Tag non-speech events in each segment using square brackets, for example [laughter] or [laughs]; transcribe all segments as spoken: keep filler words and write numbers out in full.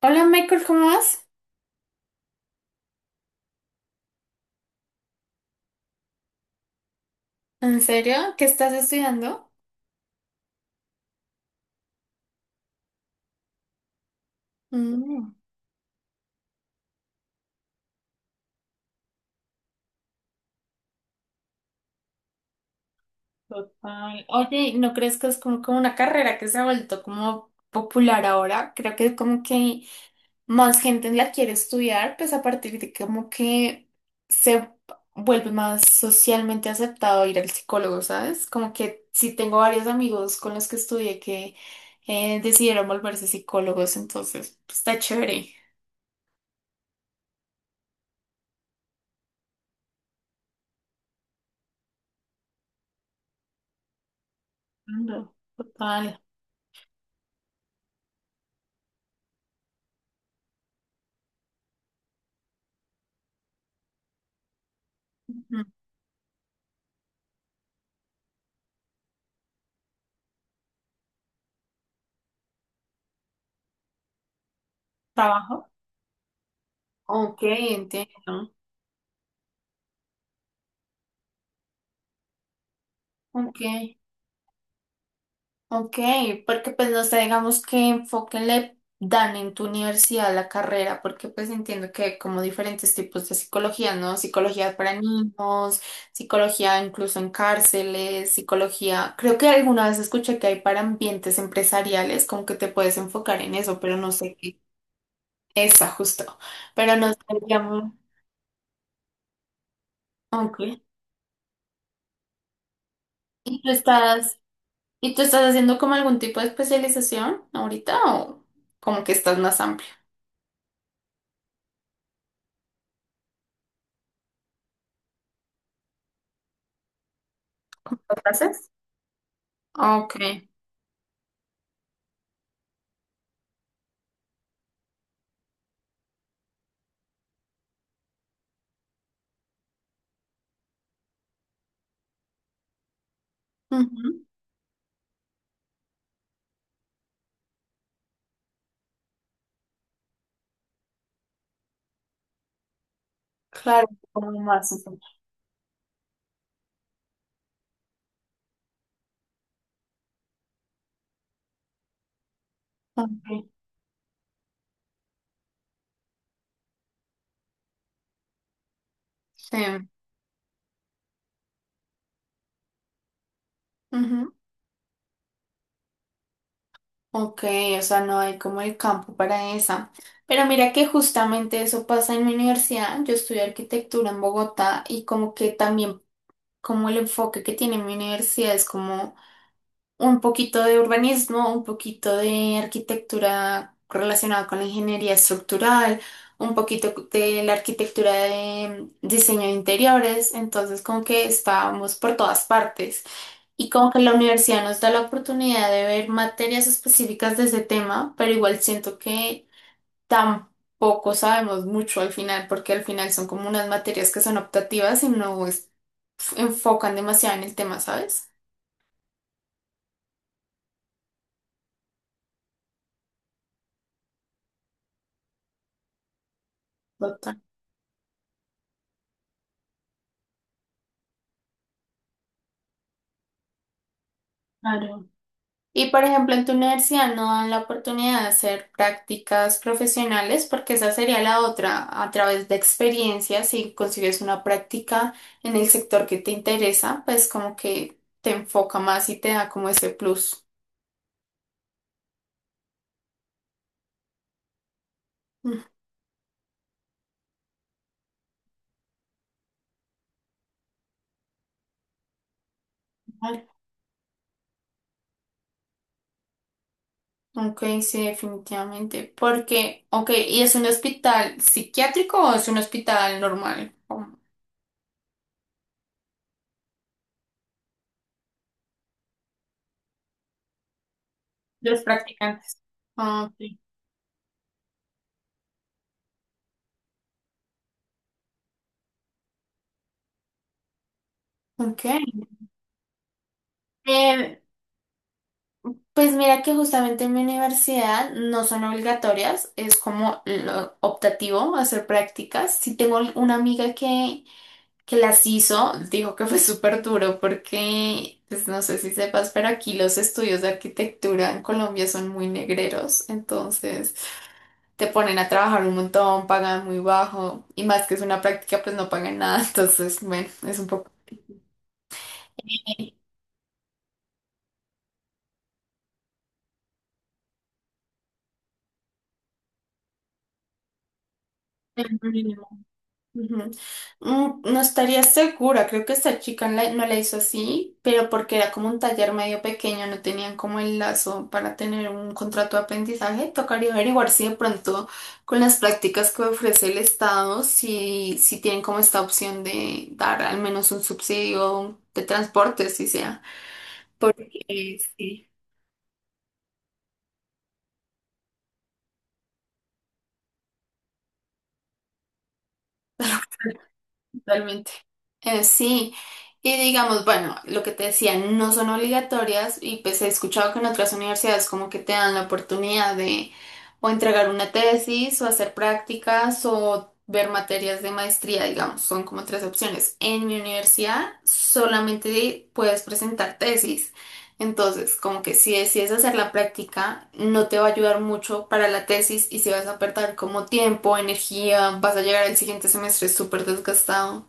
Hola Michael, ¿cómo vas? ¿En serio? ¿Qué estás estudiando? Mm, total. Oye, ¿no crees que es como, como una carrera que se ha vuelto como popular ahora? Creo que como que más gente la quiere estudiar, pues a partir de como que se vuelve más socialmente aceptado ir al psicólogo, ¿sabes? Como que sí tengo varios amigos con los que estudié que eh, decidieron volverse psicólogos, entonces pues, está chévere. Ando, total. Ujú. ¿Trabajo? Ok, entiendo. Ok, ok, porque pues no sé, digamos qué enfoque le dan en tu universidad a la carrera, porque pues entiendo que hay como diferentes tipos de psicología, ¿no? Psicología para niños, psicología incluso en cárceles, psicología, creo que alguna vez escuché que hay para ambientes empresariales, como que te puedes enfocar en eso, pero no sé qué está justo, pero no sé, digamos, ok. ¿Y tú estás... ¿Y tú estás haciendo como algún tipo de especialización ahorita o como que estás más amplio? ¿Lo haces? Ok. Ujú. Claro, como más. Ujú. Ok. Sí. Ujú. Ok, o sea, no hay como el campo para esa. Pero mira que justamente eso pasa en mi universidad. Yo estudio arquitectura en Bogotá y como que también como el enfoque que tiene mi universidad es como un poquito de urbanismo, un poquito de arquitectura relacionada con la ingeniería estructural, un poquito de la arquitectura de mm, diseño de interiores, entonces como que estábamos por todas partes y como que la universidad nos da la oportunidad de ver materias específicas de ese tema, pero igual siento que tampoco sabemos mucho al final porque al final son como unas materias que son optativas y no es- enfocan demasiado en el tema, ¿sabes? Total. Claro. Y por ejemplo, en tu universidad no dan la oportunidad de hacer prácticas profesionales, porque esa sería la otra, a través de experiencias, si consigues una práctica en el sector que te interesa, pues como que te enfoca más y te da como ese plus. Ujú. Ok, sí, definitivamente. Porque, ok, ¿y es un hospital psiquiátrico o es un hospital normal? Como los practicantes. Ah, ok. Ok. Eh, Pues mira que justamente en mi universidad no son obligatorias, es como lo optativo hacer prácticas. Sí tengo una amiga que, que las hizo, dijo que fue súper duro porque, pues no sé si sepas, pero aquí los estudios de arquitectura en Colombia son muy negreros, entonces te ponen a trabajar un montón, pagan muy bajo y más que es una práctica, pues no pagan nada, [laughs] entonces bueno, es un poco... Ujú. Mm, no estaría segura, creo que esta chica no la- no la hizo así, pero porque era como un taller medio pequeño, no tenían como el lazo para tener un contrato de aprendizaje. Tocaría averiguar si de pronto con las prácticas que ofrece el Estado, si, si tienen como esta opción de dar al menos un subsidio de transporte, si sea. Porque eh, sí. Totalmente. Eh, sí, y digamos, bueno, lo que te decía, no son obligatorias y pues he escuchado que en otras universidades como que te dan la oportunidad de o entregar una tesis o hacer prácticas o ver materias de maestría, digamos, son como tres opciones. En mi universidad solamente puedes presentar tesis, entonces como que si decides hacer la práctica no te va a ayudar mucho para la tesis y si vas a perder como tiempo, energía, vas a llegar al siguiente semestre súper desgastado.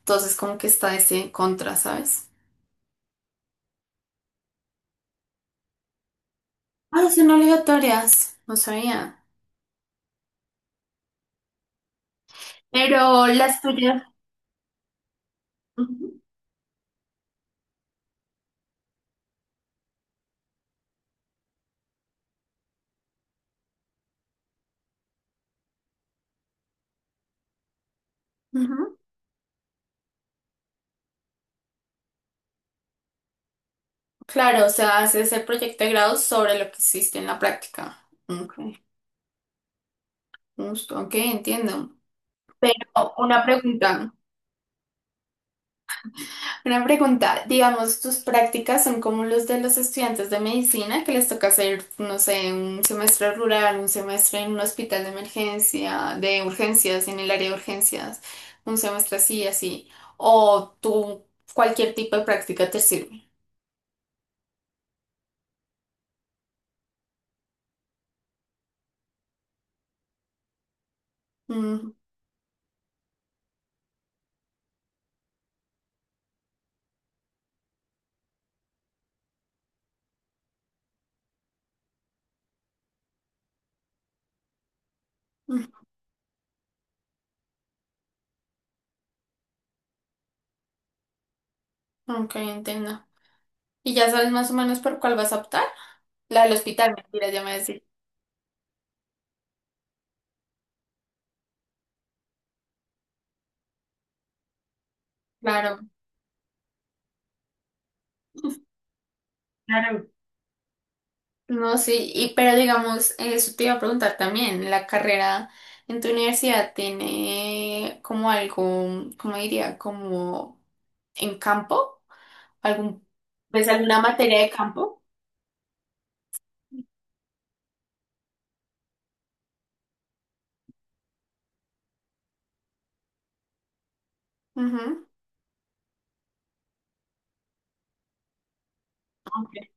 Entonces como que está ese contra, ¿sabes? Ah, son obligatorias, no sabía. Pero las tuyas... Ujú, ujú. Claro, o sea, haces el proyecto de grado sobre lo que hiciste en la práctica. Ok, justo, ok, entiendo. Pero una pregunta. Una pregunta, digamos, tus prácticas son como los de los estudiantes de medicina que les toca hacer, no sé, un semestre rural, un semestre en un hospital de emergencia, de urgencias, en el área de urgencias, un semestre así, así, o tú, cualquier tipo de práctica te sirve. Mm, mm, ok, entiendo. ¿Y ya sabes más o menos por cuál vas a optar? La del hospital, mentira, ya me decís. Claro, claro. No, sí, y, pero digamos, eso te iba a preguntar también, la carrera en tu universidad tiene como algo, ¿cómo diría? Como en campo, algún, pues alguna materia de campo. Ujú. Ok.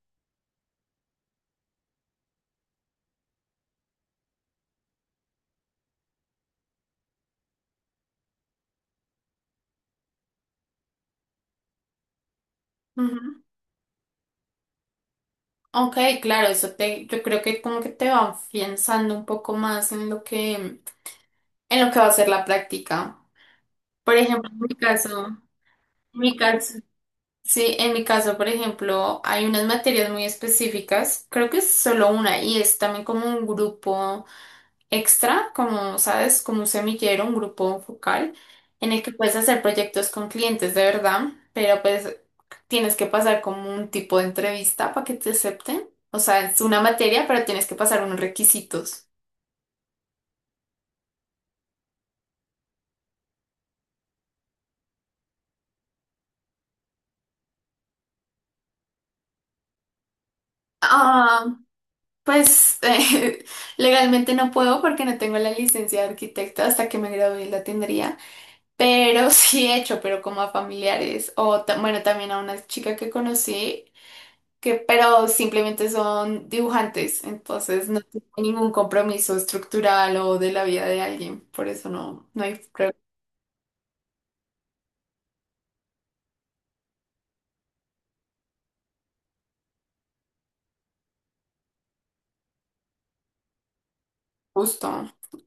Ujú. Ok, claro, eso te, yo creo que como que te va afianzando un poco más en lo que, en lo que va a ser la práctica. Por ejemplo, en mi caso, en mi caso, Sí, en mi caso, por ejemplo, hay unas materias muy específicas, creo que es solo una y es también como un grupo extra, como sabes, como un semillero, un grupo focal, en el que puedes hacer proyectos con clientes de verdad, pero pues tienes que pasar como un tipo de entrevista para que te acepten. O sea, es una materia, pero tienes que pasar unos requisitos. Ah, pues [laughs] eh, legalmente no puedo porque no tengo la licencia de arquitecta, hasta que me gradué la tendría. Pero [laughs] sí he hecho, pero como a familiares o ta- bueno, también a una chica que conocí, que pero simplemente son dibujantes, entonces no tiene ningún compromiso estructural o de la vida de alguien, por eso no, no hay prueba de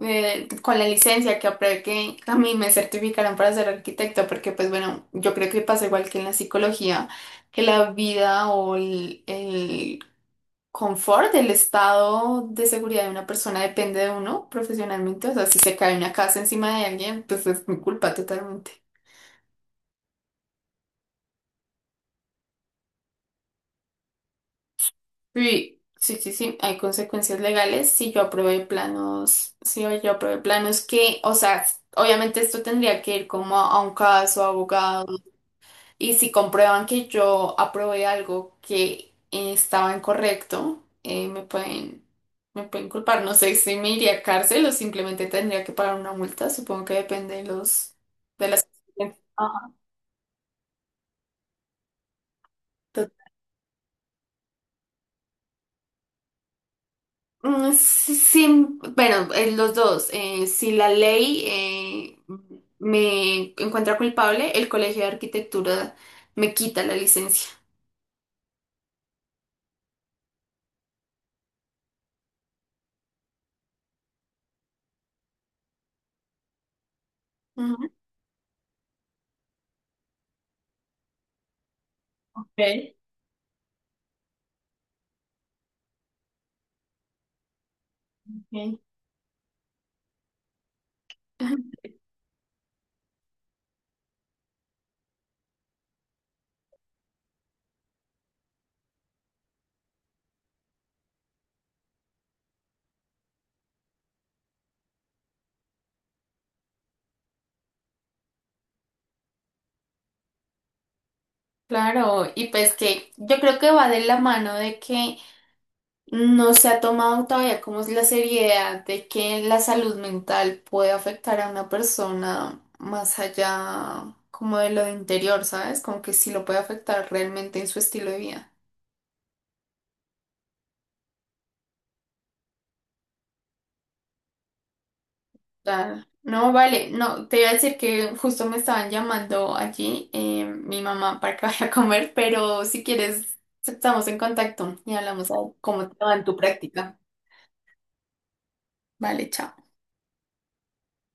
Eh, con la licencia que, apre- que a mí me certificaron para ser arquitecto, porque pues bueno, yo creo que pasa igual que en la psicología, que la vida o confort, el estado de seguridad de una persona depende de uno profesionalmente. O sea, si se cae una casa encima de alguien, pues es mi culpa totalmente. Sí, sí, sí, sí, hay consecuencias legales si yo aprobé planos, si yo aprobé planos que, o sea, obviamente esto tendría que ir como a un caso, abogados. Y si comprueban que yo aprobé algo que eh, estaba incorrecto, eh, me pueden, me pueden culpar. No sé si me iría a cárcel o simplemente tendría que pagar una multa. Supongo que depende de los, de las... Ah, to- mm, sí, sí, bueno, eh, los dos. Eh, si la ley eh, me encuentra culpable, el Colegio de Arquitectura me quita la licencia. Ujú. Ok. Ok. Claro, y pues que yo creo que va de la mano de que no se ha tomado todavía como es la seriedad de que la salud mental puede afectar a una persona más allá como de lo interior, ¿sabes? Como que sí lo puede afectar realmente en su estilo de vida. Claro. No, vale, no, te iba a decir que justo me estaban llamando allí eh, mi mamá para que [laughs] vaya a comer, pero si quieres estamos en contacto y hablamos de cómo te va en tu práctica. Vale, chao.